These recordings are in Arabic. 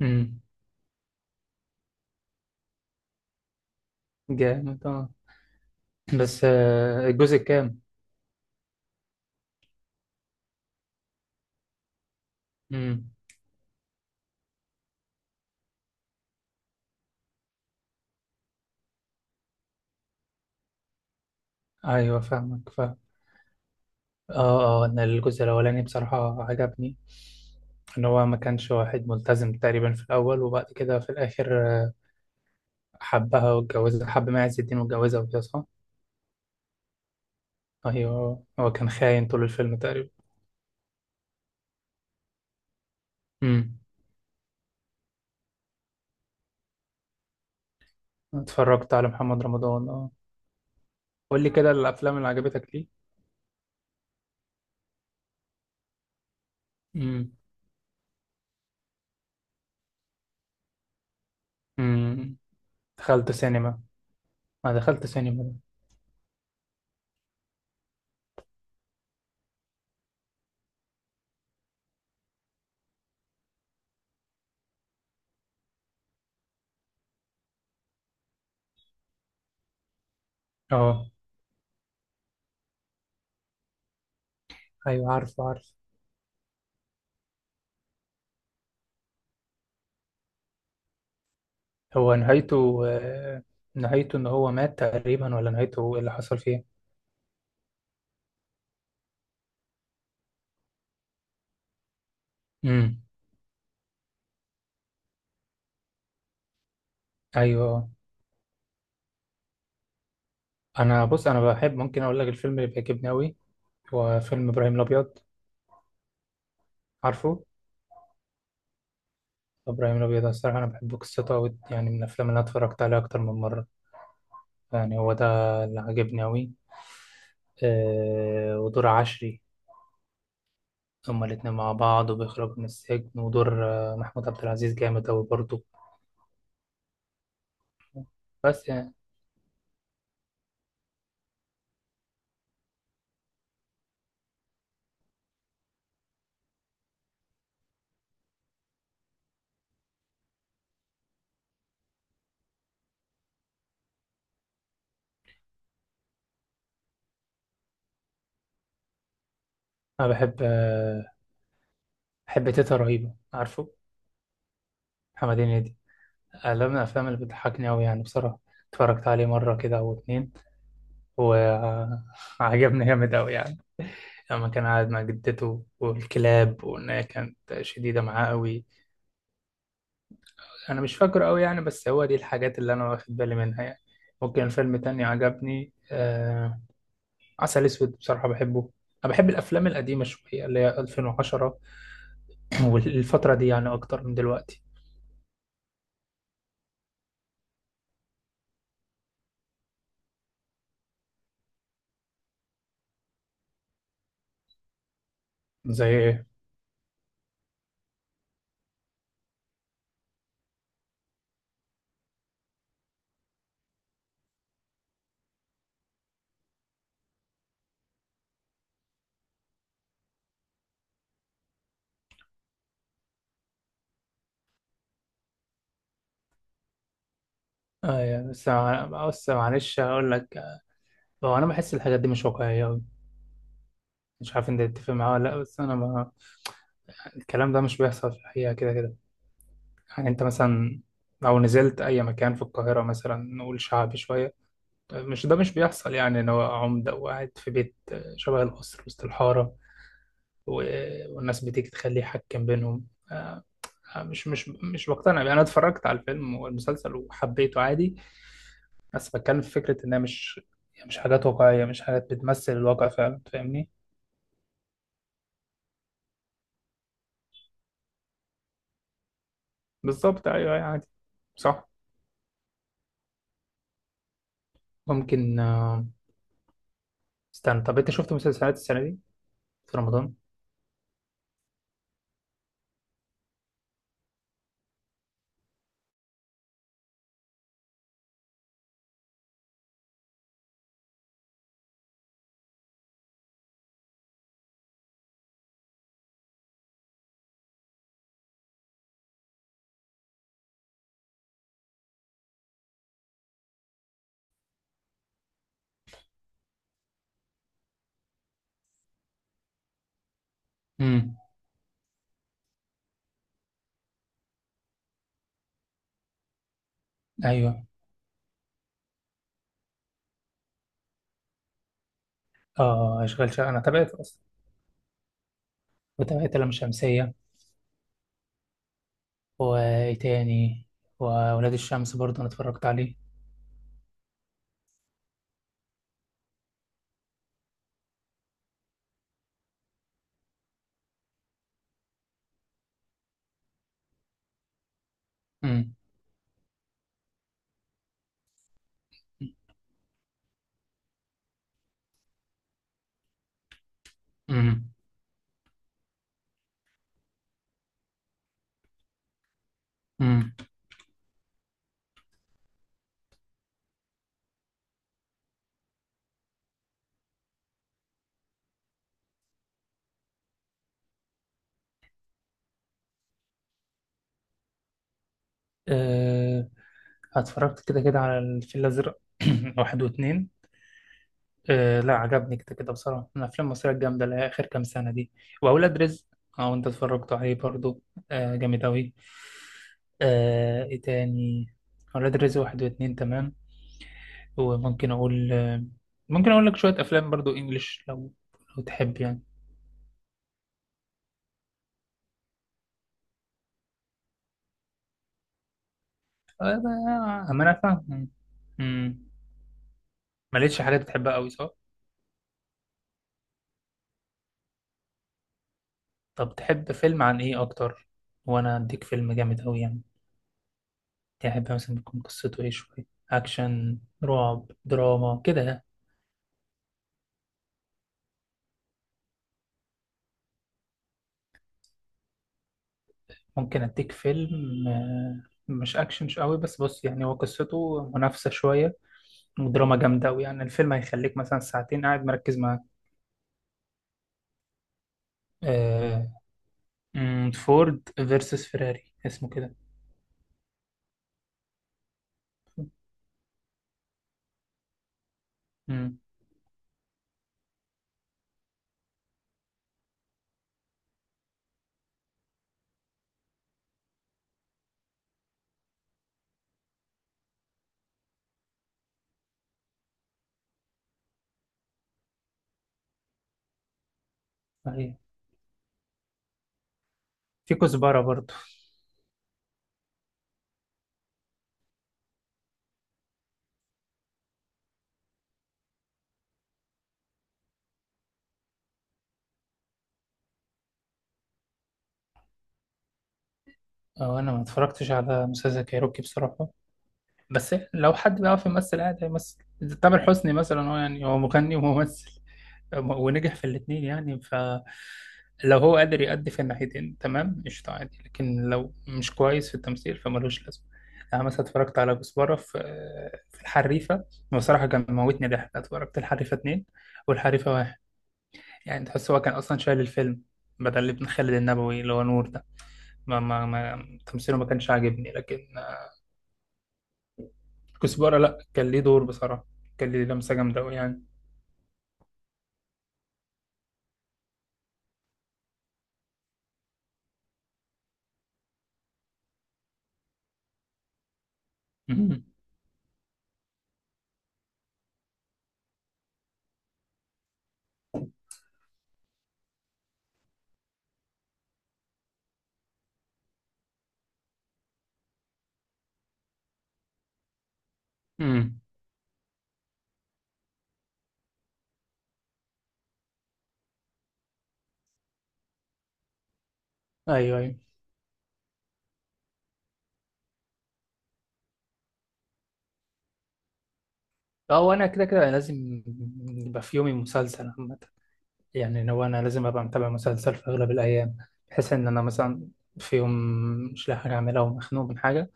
امم. جامد اه. بس الجزء الكام؟ امم ايوه، فاهمك فاهم. اه اه، انا الجزء الاولاني بصراحه عجبني. ان هو ما كانش واحد ملتزم تقريبا في الاول وبعد كده في الاخر حبها واتجوزها، حب ما عز الدين واتجوزها وكده، صح. ايوه هو كان خاين طول الفيلم تقريبا. امم. اتفرجت على محمد رمضان، اه. قول لي كده الافلام اللي عجبتك ليه. امم. امم. دخلت سينما، ما دخلت سينما ده. اه، ايوه عارفه عارفه. هو نهايته نهايته ان هو مات تقريبا، ولا نهايته ايه اللي حصل فيه؟ امم. ايوه. انا بص، انا بحب ممكن اقول لك الفيلم اللي بيعجبني قوي، هو فيلم ابراهيم الابيض، عارفه. ابراهيم الابيض أنا الصراحه انا بحب قصته قوي، يعني من الافلام اللي أنا اتفرجت عليها اكتر من مره. يعني هو ده اللي عجبني قوي. أه، ودور عشري، هما الاتنين مع بعض وبيخرجوا من السجن، ودور محمود عبد العزيز جامد قوي برضه. بس يعني انا بحب بحب تيتا رهيبه عارفه، محمد هنيدي. لا، من الأفلام اللي بتضحكني أوي يعني بصراحة. اتفرجت عليه مرة كده أو اتنين وعجبني جامد أوي يعني. لما كان قاعد مع جدته والكلاب، وإن هي كانت شديدة معاه أوي. أنا مش فاكره أوي يعني، بس هو دي الحاجات اللي أنا واخد بالي منها يعني. ممكن فيلم تاني عجبني، عسل أسود، بصراحة بحبه. أنا بحب الأفلام القديمة شوية اللي هي 2010، والفترة دي يعني أكتر من دلوقتي. زي إيه؟ يعني بس، بس معلش أقول لك. هو أنا بحس الحاجات دي مش واقعية، مش عارف انت تتفق معاه ولا لا، بس انا ما الكلام ده مش بيحصل في الحقيقة كده كده. يعني انت مثلا لو نزلت اي مكان في القاهرة، مثلا نقول شعبي شوية، مش ده مش بيحصل، يعني ان هو عمدة وقاعد في بيت شبه القصر وسط الحارة، والناس بتيجي تخليه يحكم بينهم، مش بقتنع بيه. انا اتفرجت على الفيلم والمسلسل وحبيته عادي، بس بتكلم في فكرة انها مش حاجات واقعية، مش حاجات بتمثل الواقع فعلا، فاهمني. بالظبط، ايوه أيوة، عادي، صح. ممكن استنى، طب انت شفت مسلسلات السنه دي في رمضان؟ امم. ايوه. اه، اشغال شقه انا تابعت اصلا، وتابعت لام شمسيه، وايه تاني، وولاد الشمس برضه انا اتفرجت عليه. امم. امم. امم. أه، اتفرجت كده كده على الفيل الازرق واحد واتنين. أه، لا عجبني كده كده بصراحه، من الافلام المصريه الجامده اللي هي اخر كام سنه دي. واولاد رزق، اه وانت اتفرجت عليه برضه. أه، جامد اوي. أه، ايه تاني؟ اولاد رزق واحد واتنين، تمام. وممكن اقول ممكن اقول لك شويه افلام برضو انجليش، لو تحب يعني. آه، ما انا فاهم. أمم. ما لقيتش حاجات بتحبها قوي، صح. طب تحب فيلم عن ايه اكتر وانا اديك فيلم جامد قوي يعني؟ تحب مثلا تكون قصته ايه؟ شويه اكشن، رعب، دراما كده يعني. ممكن اديك فيلم مش اكشن مش قوي، بس بص يعني هو قصته منافسه شويه ودراما جامده قوي، يعني الفيلم هيخليك مثلا ساعتين قاعد مركز معاه. فورد فيرسس فيراري اسمه كده. امم. صحيح، في كزبرة برضو. أو أنا ما اتفرجتش على مسلسل كايروكي بصراحة، بس لو حد بيعرف يمثل عادي هيمثل. إذا تامر حسني مثلا، هو يعني هو مغني وممثل، ونجح في الاتنين يعني، لو هو قادر يأدي في الناحيتين تمام، قشطة عادي، لكن لو مش كويس في التمثيل فملوش لازمة. أنا مثلا اتفرجت على كزبرة في الحريفة، بصراحة كان موتني ضحك. اتفرجت الحريفة اتنين والحريفة واحد، يعني تحس هو كان أصلا شايل الفيلم، بدل ابن خالد النبوي اللي هو نور ده، ما تمثيله ما كانش عاجبني. لكن كزبرة لأ، كان ليه دور بصراحة، كان ليه لمسة جامدة أوي يعني. أمم. أمم. أيوه أيوه. أه، وأنا كده كده لازم يبقى في يومي مسلسل، عامة يعني. لو انا لازم ابقى متابع مسلسل في اغلب الايام، بحيث ان انا مثلا في يوم مش لاقي حاجه اعملها ومخنوق من حاجه،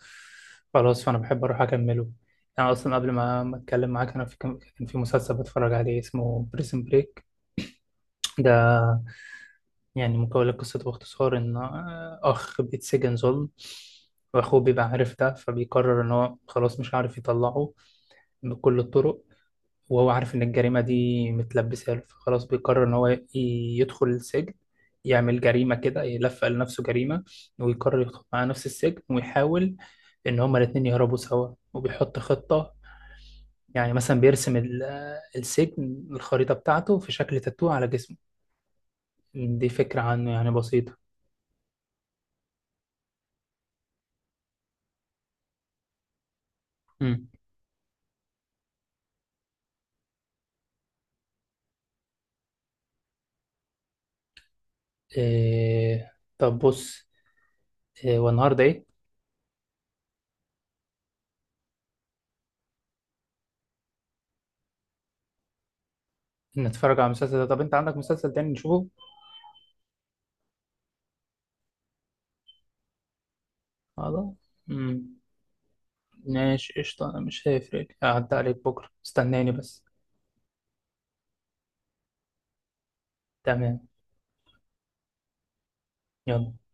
خلاص فانا بحب اروح اكمله. يعني اصلا قبل ما اتكلم معاك انا في كان في مسلسل بتفرج عليه اسمه بريزن بريك ده. يعني مكون لقصته باختصار ان اخ بيتسجن ظلم، واخوه بيبقى عارف ده، فبيقرر ان هو خلاص مش عارف يطلعه بكل الطرق، وهو عارف إن الجريمة دي متلبسة له، فخلاص بيقرر إن هو يدخل السجن، يعمل جريمة كده، يلفق لنفسه جريمة، ويقرر يدخل مع نفس السجن ويحاول إن هما الاتنين يهربوا سوا. وبيحط خطة، يعني مثلا بيرسم السجن، الخريطة بتاعته في شكل تاتو على جسمه، دي فكرة عنه يعني بسيطة. مم. إيه طب بص، إيه والنهاردة إيه؟ نتفرج على مسلسل ده؟ طب أنت عندك مسلسل تاني نشوفه؟ خلاص. مم. ماشي قشطة، أنا مش هيفرق، هعدي عليك بكرة، استناني بس. تمام، يلا.